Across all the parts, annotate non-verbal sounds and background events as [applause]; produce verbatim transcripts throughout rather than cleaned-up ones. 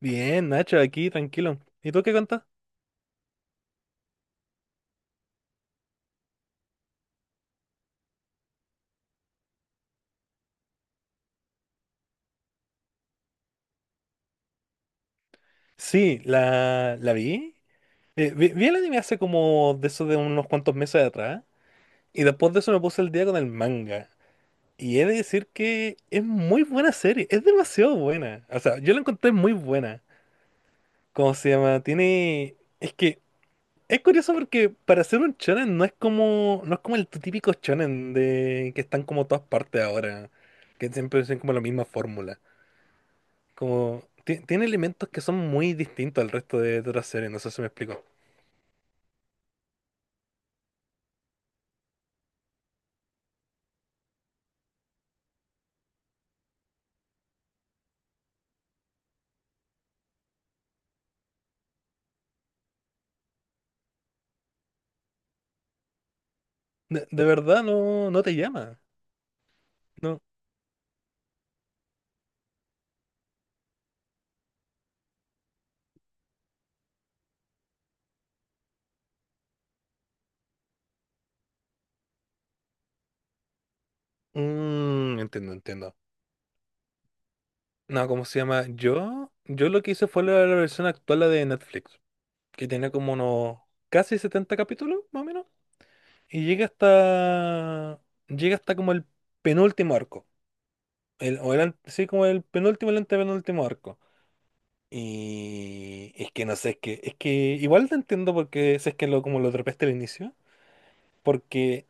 Bien, Nacho, aquí, tranquilo. ¿Y tú qué contás? Sí, la, la vi. Eh, vi. vi el anime hace como de eso de unos cuantos meses atrás. Y después de eso me puse el día con el manga. Y he de decir que es muy buena serie. Es demasiado buena. O sea, yo la encontré muy buena. ¿Cómo se llama? Tiene. Es que es curioso porque para ser un shonen no es como. No es como el típico shonen de que están como todas partes ahora. Que siempre dicen como la misma fórmula. Como ti- tiene elementos que son muy distintos al resto de, de otras series, no sé si me explico. De, de verdad no, no te llama. No. Mm, entiendo, entiendo. No, ¿cómo se llama? Yo, yo lo que hice fue la, la versión actual la de Netflix, que tiene como unos casi setenta capítulos, más o menos. Y llega hasta. Llega hasta como el penúltimo arco. El, o el, an- sí, como el penúltimo, el antepenúltimo arco. Y es que no sé, es que, es que igual te entiendo porque si es que lo, como lo atrapaste al inicio, porque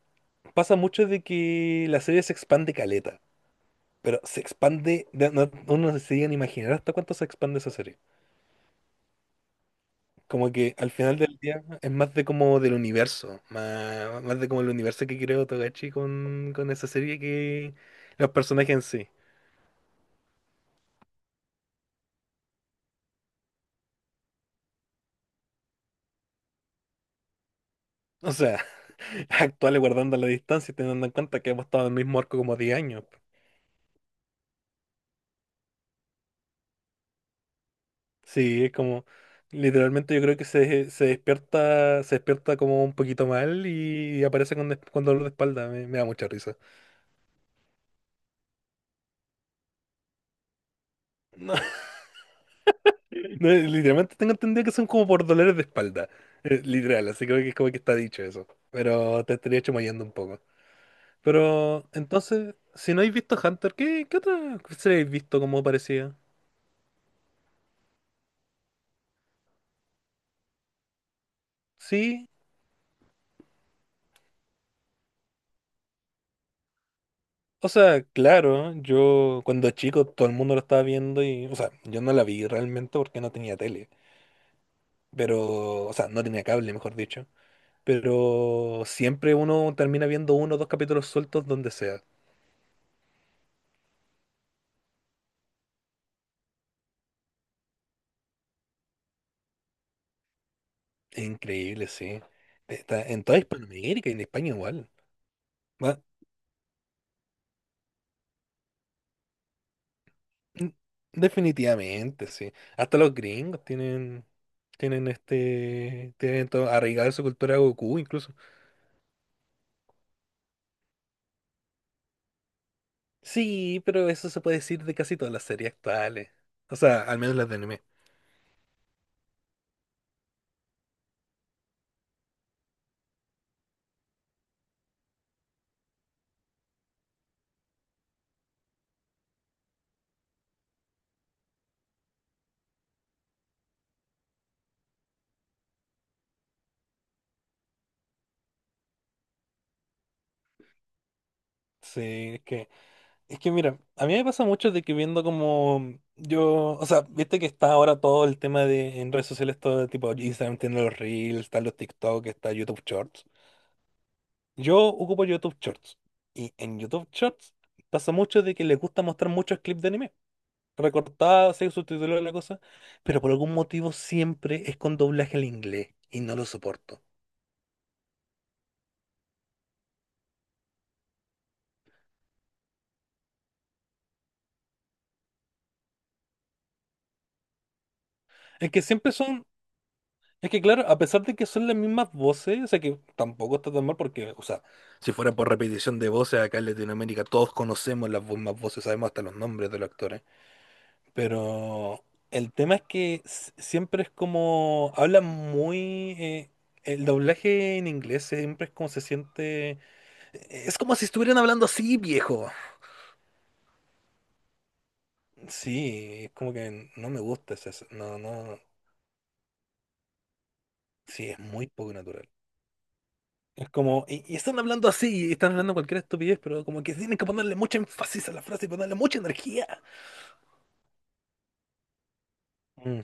pasa mucho de que la serie se expande caleta, pero se expande, de- no- uno se llega a imaginar hasta cuánto se expande esa serie. Como que al final del día es más de como del universo, más, más de como el universo que creó Togashi con, con esa serie que los personajes en sí. O sea, [laughs] actuales guardando la distancia y teniendo en cuenta que hemos estado en el mismo arco como diez años. Sí, es como, literalmente yo creo que se, se despierta, se despierta como un poquito mal y aparece con, des- con dolor de espalda. Me, me da mucha risa. No, [laughs] no, literalmente tengo entendido que son como por dolores de espalda. Eh, literal, así creo que es como que está dicho eso. Pero te estaría chamoyando un poco. Pero entonces, si no habéis visto Hunter, ¿qué, qué otra serie habéis visto como parecía? Sí. O sea, claro, yo cuando chico todo el mundo lo estaba viendo y, o sea, yo no la vi realmente porque no tenía tele. Pero, o sea, no tenía cable, mejor dicho. Pero siempre uno termina viendo uno o dos capítulos sueltos donde sea. Increíble, sí. Está en toda Hispanoamérica y en España igual. Va- mm, Definitivamente, sí. Hasta los gringos tienen, tienen este, tienen todo arraigado en su cultura a Goku incluso. Sí, pero eso se puede decir de casi todas las series actuales. O sea, al menos las de anime. Sí, es que Es que mira, a mí me pasa mucho de que viendo como yo, o sea, viste que está ahora todo el tema de en redes sociales, todo tipo Instagram tiene los Reels, están los TikTok, está YouTube Shorts. Yo ocupo YouTube Shorts y en YouTube Shorts pasa mucho de que les gusta mostrar muchos clips de anime, recortados, así, subtitulados, la cosa, pero por algún motivo siempre es con doblaje al inglés y no lo soporto. Es que siempre son Es que, claro, a pesar de que son las mismas voces, o sea que tampoco está tan mal porque, o sea, si fuera por repetición de voces acá en Latinoamérica todos conocemos las mismas voces, sabemos hasta los nombres de los actores. Pero el tema es que s- siempre es como, hablan muy, eh, el doblaje en inglés siempre es como se siente, e-, es como si estuvieran hablando así, viejo. Sí, es como que no me gusta ese. No, no, sí, es muy poco natural. Es como, y, y están hablando así, y están hablando cualquier estupidez, pero como que tienen que ponerle mucho énfasis a la frase y ponerle mucha energía. Mm,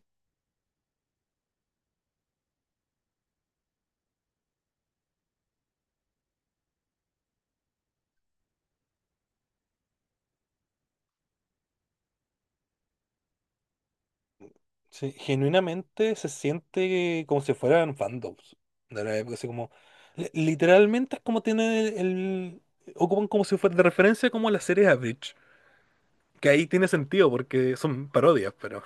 sí, genuinamente se siente como si fueran fandoms de la época, así como, li- literalmente es como tienen el, el- ocupan como si fuera de referencia como las series Average, que ahí tiene sentido porque son parodias, pero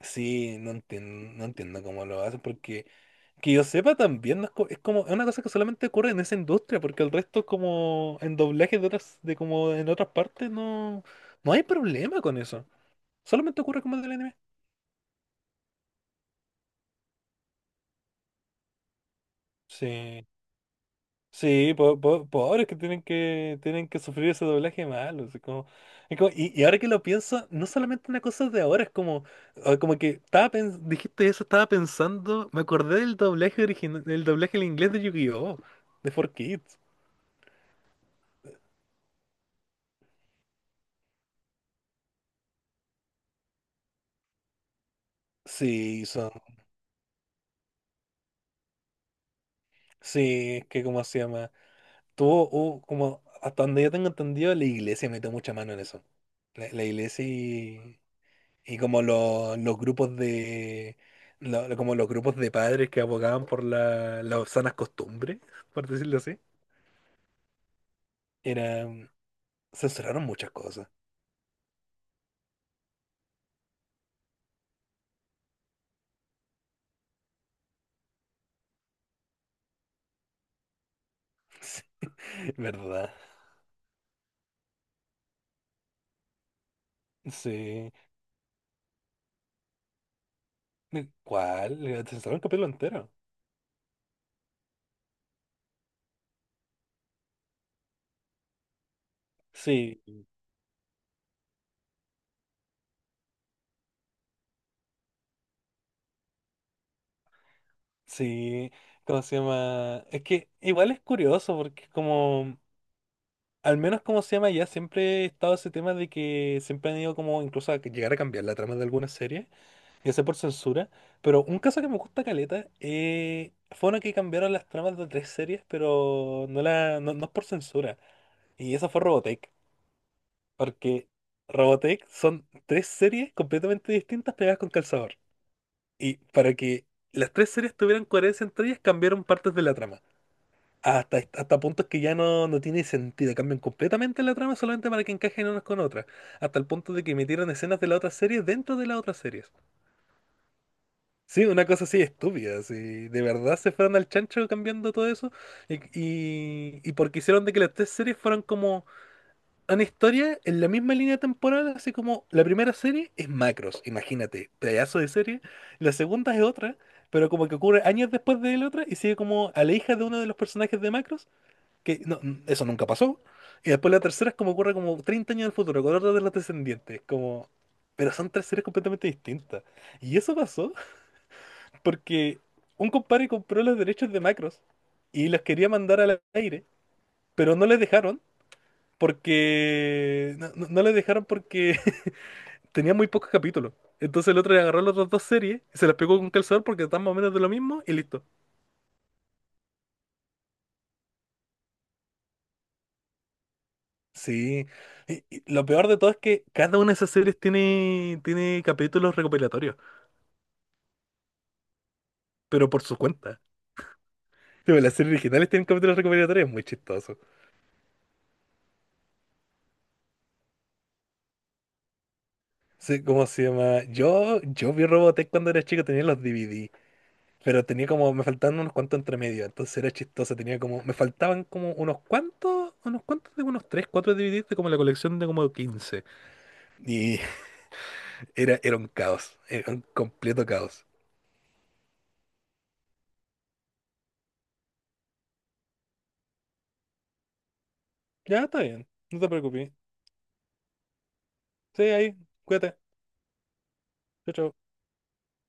sí, no entiendo, no entiendo cómo lo hacen porque, que yo sepa también, no es, co- es como es una cosa que solamente ocurre en esa industria, porque el resto como en doblajes de otras, de como en otras partes no, no hay problema con eso. Solamente ocurre como en el anime. Sí, sí, po- po- pobres que tienen que tienen que sufrir ese doblaje malo. Así como, es como, y, y ahora que lo pienso, no solamente una cosa de ahora, es como, o como que estaba pens- dijiste eso, estaba pensando, me acordé del doblaje original, del doblaje en inglés de Yu-Gi-Oh! De cuatro kids. Sí, son sí, es que, como se llama. Tuvo, hubo como, hasta donde yo tengo entendido, la iglesia metió mucha mano en eso. La, la iglesia y, y como lo- los grupos de lo- lo- como los grupos de padres que abogaban por la, las sanas costumbres, por decirlo así, eran, censuraron muchas cosas. [laughs] Sí, ¿verdad? Sí. ¿Cuál? Censuraron el capítulo entero. Sí, sí. ¿Cómo se llama? Es que igual es curioso porque es como. Al menos como se llama ya, siempre he estado ese tema de que siempre han ido como incluso a que llegar a cambiar la trama de algunas series, ya sea por censura, pero un caso que me gusta caleta eh, fue una que cambiaron las tramas de tres series, pero no, la, no, no es por censura, y esa fue Robotech, porque Robotech son tres series completamente distintas pegadas con calzador, y para que las tres series tuvieran coherencia entre ellas cambiaron partes de la trama. Hasta, hasta puntos que ya no, no tiene sentido, cambian completamente la trama solamente para que encajen unas con otras, hasta el punto de que metieron escenas de la otra serie dentro de las otras series. Sí, una cosa así estúpida, si de verdad se fueron al chancho cambiando todo eso, y, y, y porque hicieron de que las tres series fueran como una historia en la misma línea temporal, así como la primera serie es Macros, imagínate, pedazo de serie, la segunda es otra, pero como que ocurre años después de la otra y sigue como a la hija de uno de los personajes de Macros que no, eso nunca pasó. Y después la tercera es como ocurre como treinta años del futuro, con otra de los descendientes, como. Pero son tres series completamente distintas. Y eso pasó [laughs] porque un compadre compró los derechos de Macros y los quería mandar al aire, pero no les dejaron porque. No, no, no les dejaron porque [laughs] tenía muy pocos capítulos. Entonces el otro le agarró las otras dos series, se las pegó con un calzador porque están más o menos de lo mismo y listo. Sí, y, y lo peor de todo es que cada una de esas series tiene, tiene capítulos recopilatorios, pero por su cuenta. Tipo, las series originales tienen capítulos recopilatorios, muy chistoso. Sí, ¿cómo se llama? Yo, yo vi Robotech cuando era chico, tenía los D V D, pero tenía como, me faltaban unos cuantos entre medio, entonces era chistoso, tenía como, me faltaban como unos cuantos, unos cuantos de unos tres, cuatro D V Ds de como la colección de como quince. Y [laughs] era, era un caos, era un completo caos. Ya, está bien, no te preocupes. Sí, ahí, cuídate. Chao, chao.